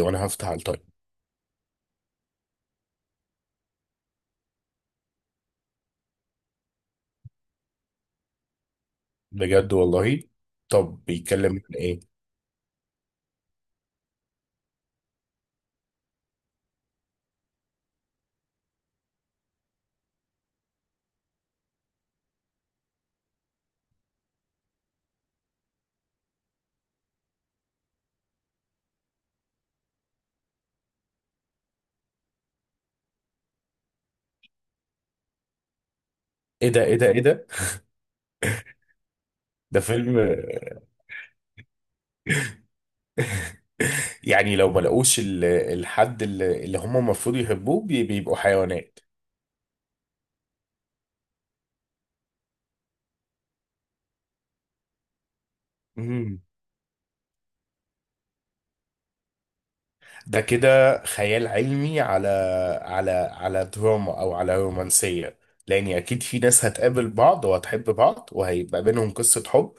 وانا هفتح على التايم. بجد والله. طب بيتكلم عن ايه؟ ايه ده، ايه ده، ايه ده! ده فيلم؟ يعني لو ما لقوش الحد اللي هم المفروض يحبوه، بيبقوا حيوانات. امم ده كده خيال علمي على دراما او على رومانسية، لان اكيد في ناس هتقابل بعض وهتحب بعض وهيبقى بينهم قصة حب،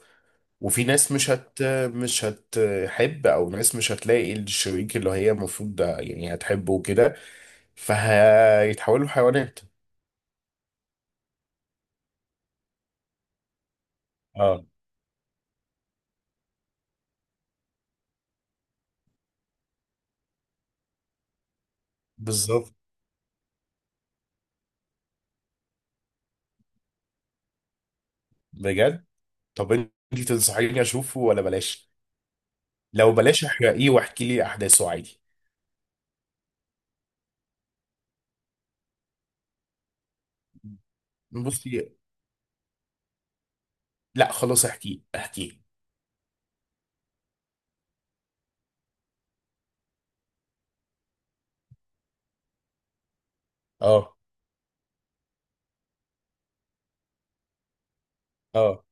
وفي ناس مش هتحب، او ناس مش هتلاقي الشريك اللي هي المفروض ده يعني هتحبه وكده، فهيتحولوا حيوانات. اه، بالظبط. بجد. طب انت تنصحيني اشوفه ولا بلاش؟ لو بلاش احرقيه واحكي لي احداثه عادي. بصي. لا خلاص، احكيه احكيه. اه. اه.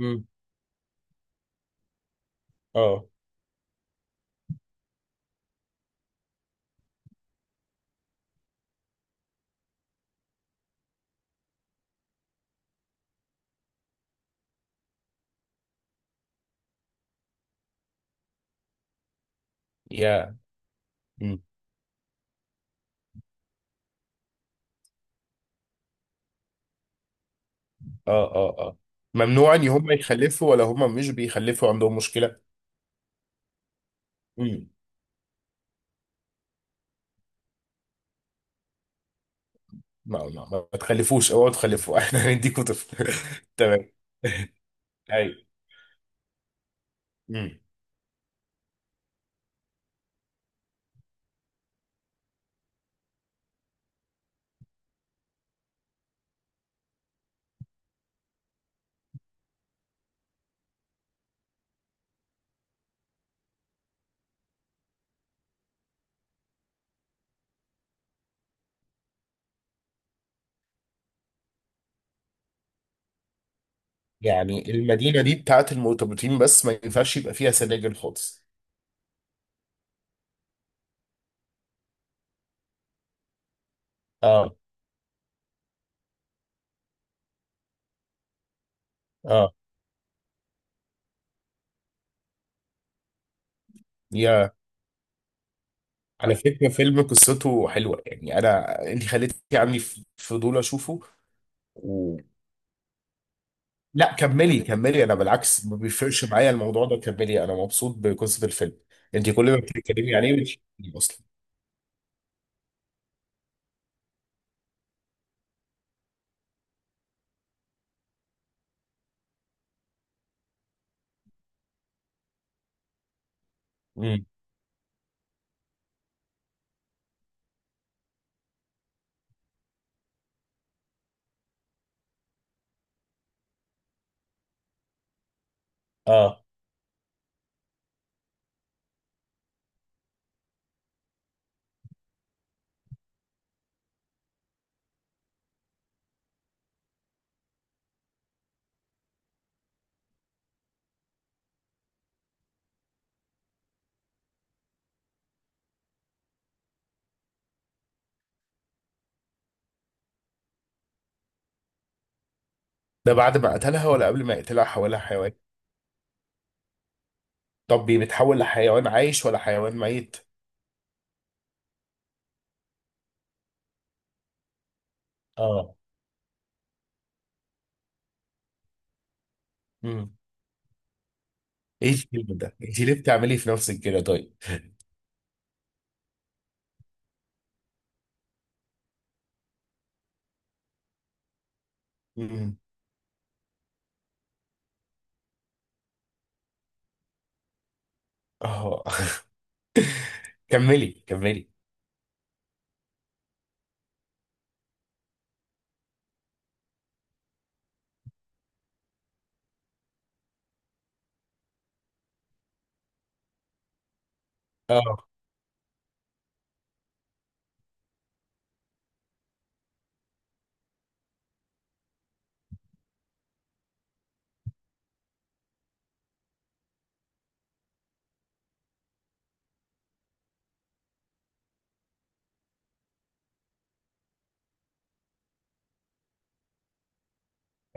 امم. اه. يا. امم. اه. اه. اه. ممنوع ان هم يخلفوا ولا هم مش بيخلفوا عندهم مشكلة؟ ما تخلفوش، اوعوا تخلفوا احنا هنديكوا طفل تمام. ايوه. مم. يعني المدينه دي بتاعت المرتبطين بس، ما ينفعش يبقى فيها سناجل خالص؟ اه. اه. يا. على فكره، فيلم قصته حلوه يعني. انا انت خليتي عندي فضول اشوفه و... لا كملي كملي، انا بالعكس ما بيفرقش معايا الموضوع ده. كملي، انا مبسوط بقصه الفيلم. انت كل ما بتتكلمي عليه مش اصلا. مم. اه. ده بعد ما قتلها ولا قبل ما يقتلها حولها حيوان؟ طب بيتحول لحيوان عايش ولا حيوان ميت؟ اه. مم. ايه الفيلم ده؟ انت ليه بتعملي في نفسك كده طيب؟ مم. اه كملي كملي. اه.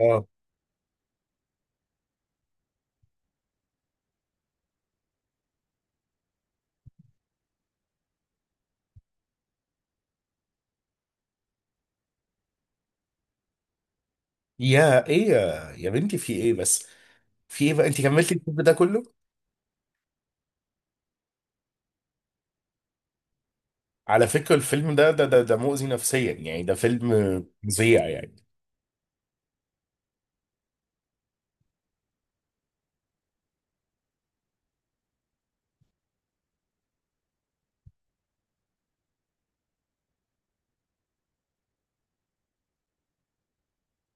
اه. يا. ايه، يا بنتي، في ايه بس؟ في ايه بقى، انت كملتي الفيلم ده كله؟ على فكرة الفيلم ده ده مؤذي نفسيا، يعني ده فيلم فظيع يعني.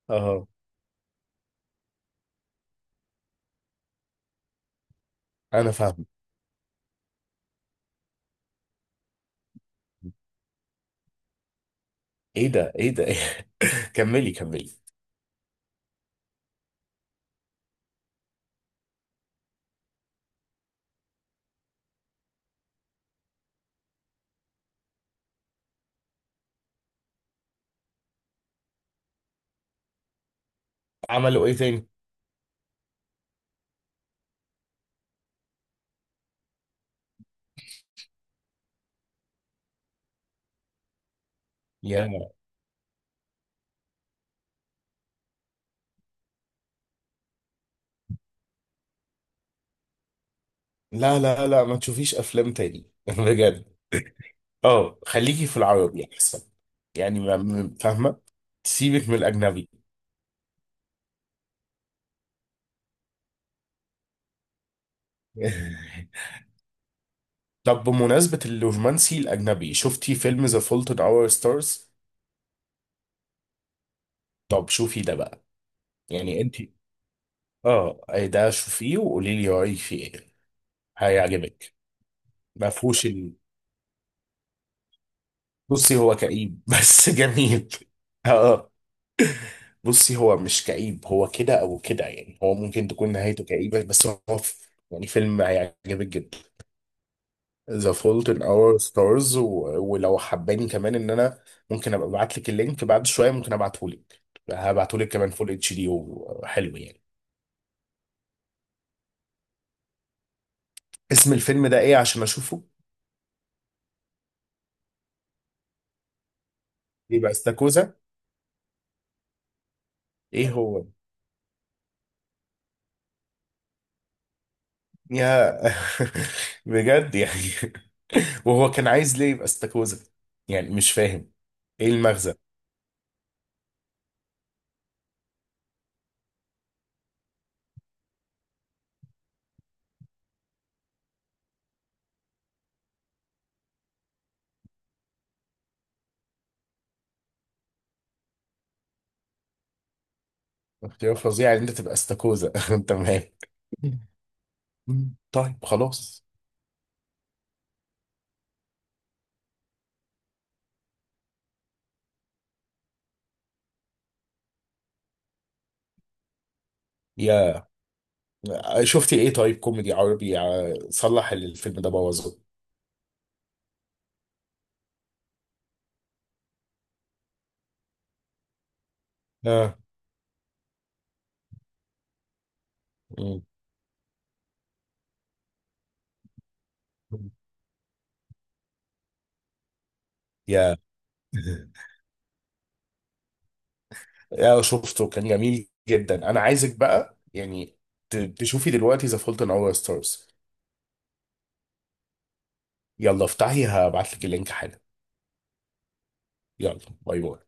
اه. انا فاهم. ايه ده، ايه ده كملي كملي. عملوا ايه تاني؟ يا. لا، لا، لا، ما تشوفيش افلام تاني بجد. اه. خليكي في العربي احسن. يعني فاهمه. سيبك من الاجنبي. طب بمناسبه الرومانسي الاجنبي، شفتي فيلم ذا فولت ان اور ستارز؟ طب شوفي ده بقى. يعني انت، اه أي ده شوفيه وقولي لي رايك فيه ايه. هيعجبك. ما فيهوش ال. بصي هو كئيب بس جميل. اه. آه. بصي هو مش كئيب، هو كده او كده يعني، هو ممكن تكون نهايته كئيبه بس هو يعني فيلم هيعجبك جدا. ذا فولت ان اور ستارز، ولو حباني كمان ان انا ممكن ابقى ابعت لك اللينك بعد شويه، ممكن ابعته لك. هبعته لك كمان فول اتش دي وحلو يعني. اسم الفيلم ده ايه عشان اشوفه؟ يبقى استاكوزا. ايه هو. يا بجد يعني وهو كان عايز ليه يبقى استاكوزا؟ يعني مش فاهم، ايه المغزى؟ اختيار فظيع ان انت تبقى استاكوزا تمام. طيب خلاص. يا. شفتي ايه طيب، كوميدي عربي صلح اللي الفيلم ده بوظه؟ اه. مم. يا يا شفته، كان جميل جدا. انا عايزك بقى يعني تشوفي دلوقتي ذا فولت ان اور ستارز. يلا افتحي، هبعت لك اللينك حالا. يلا. باي باي.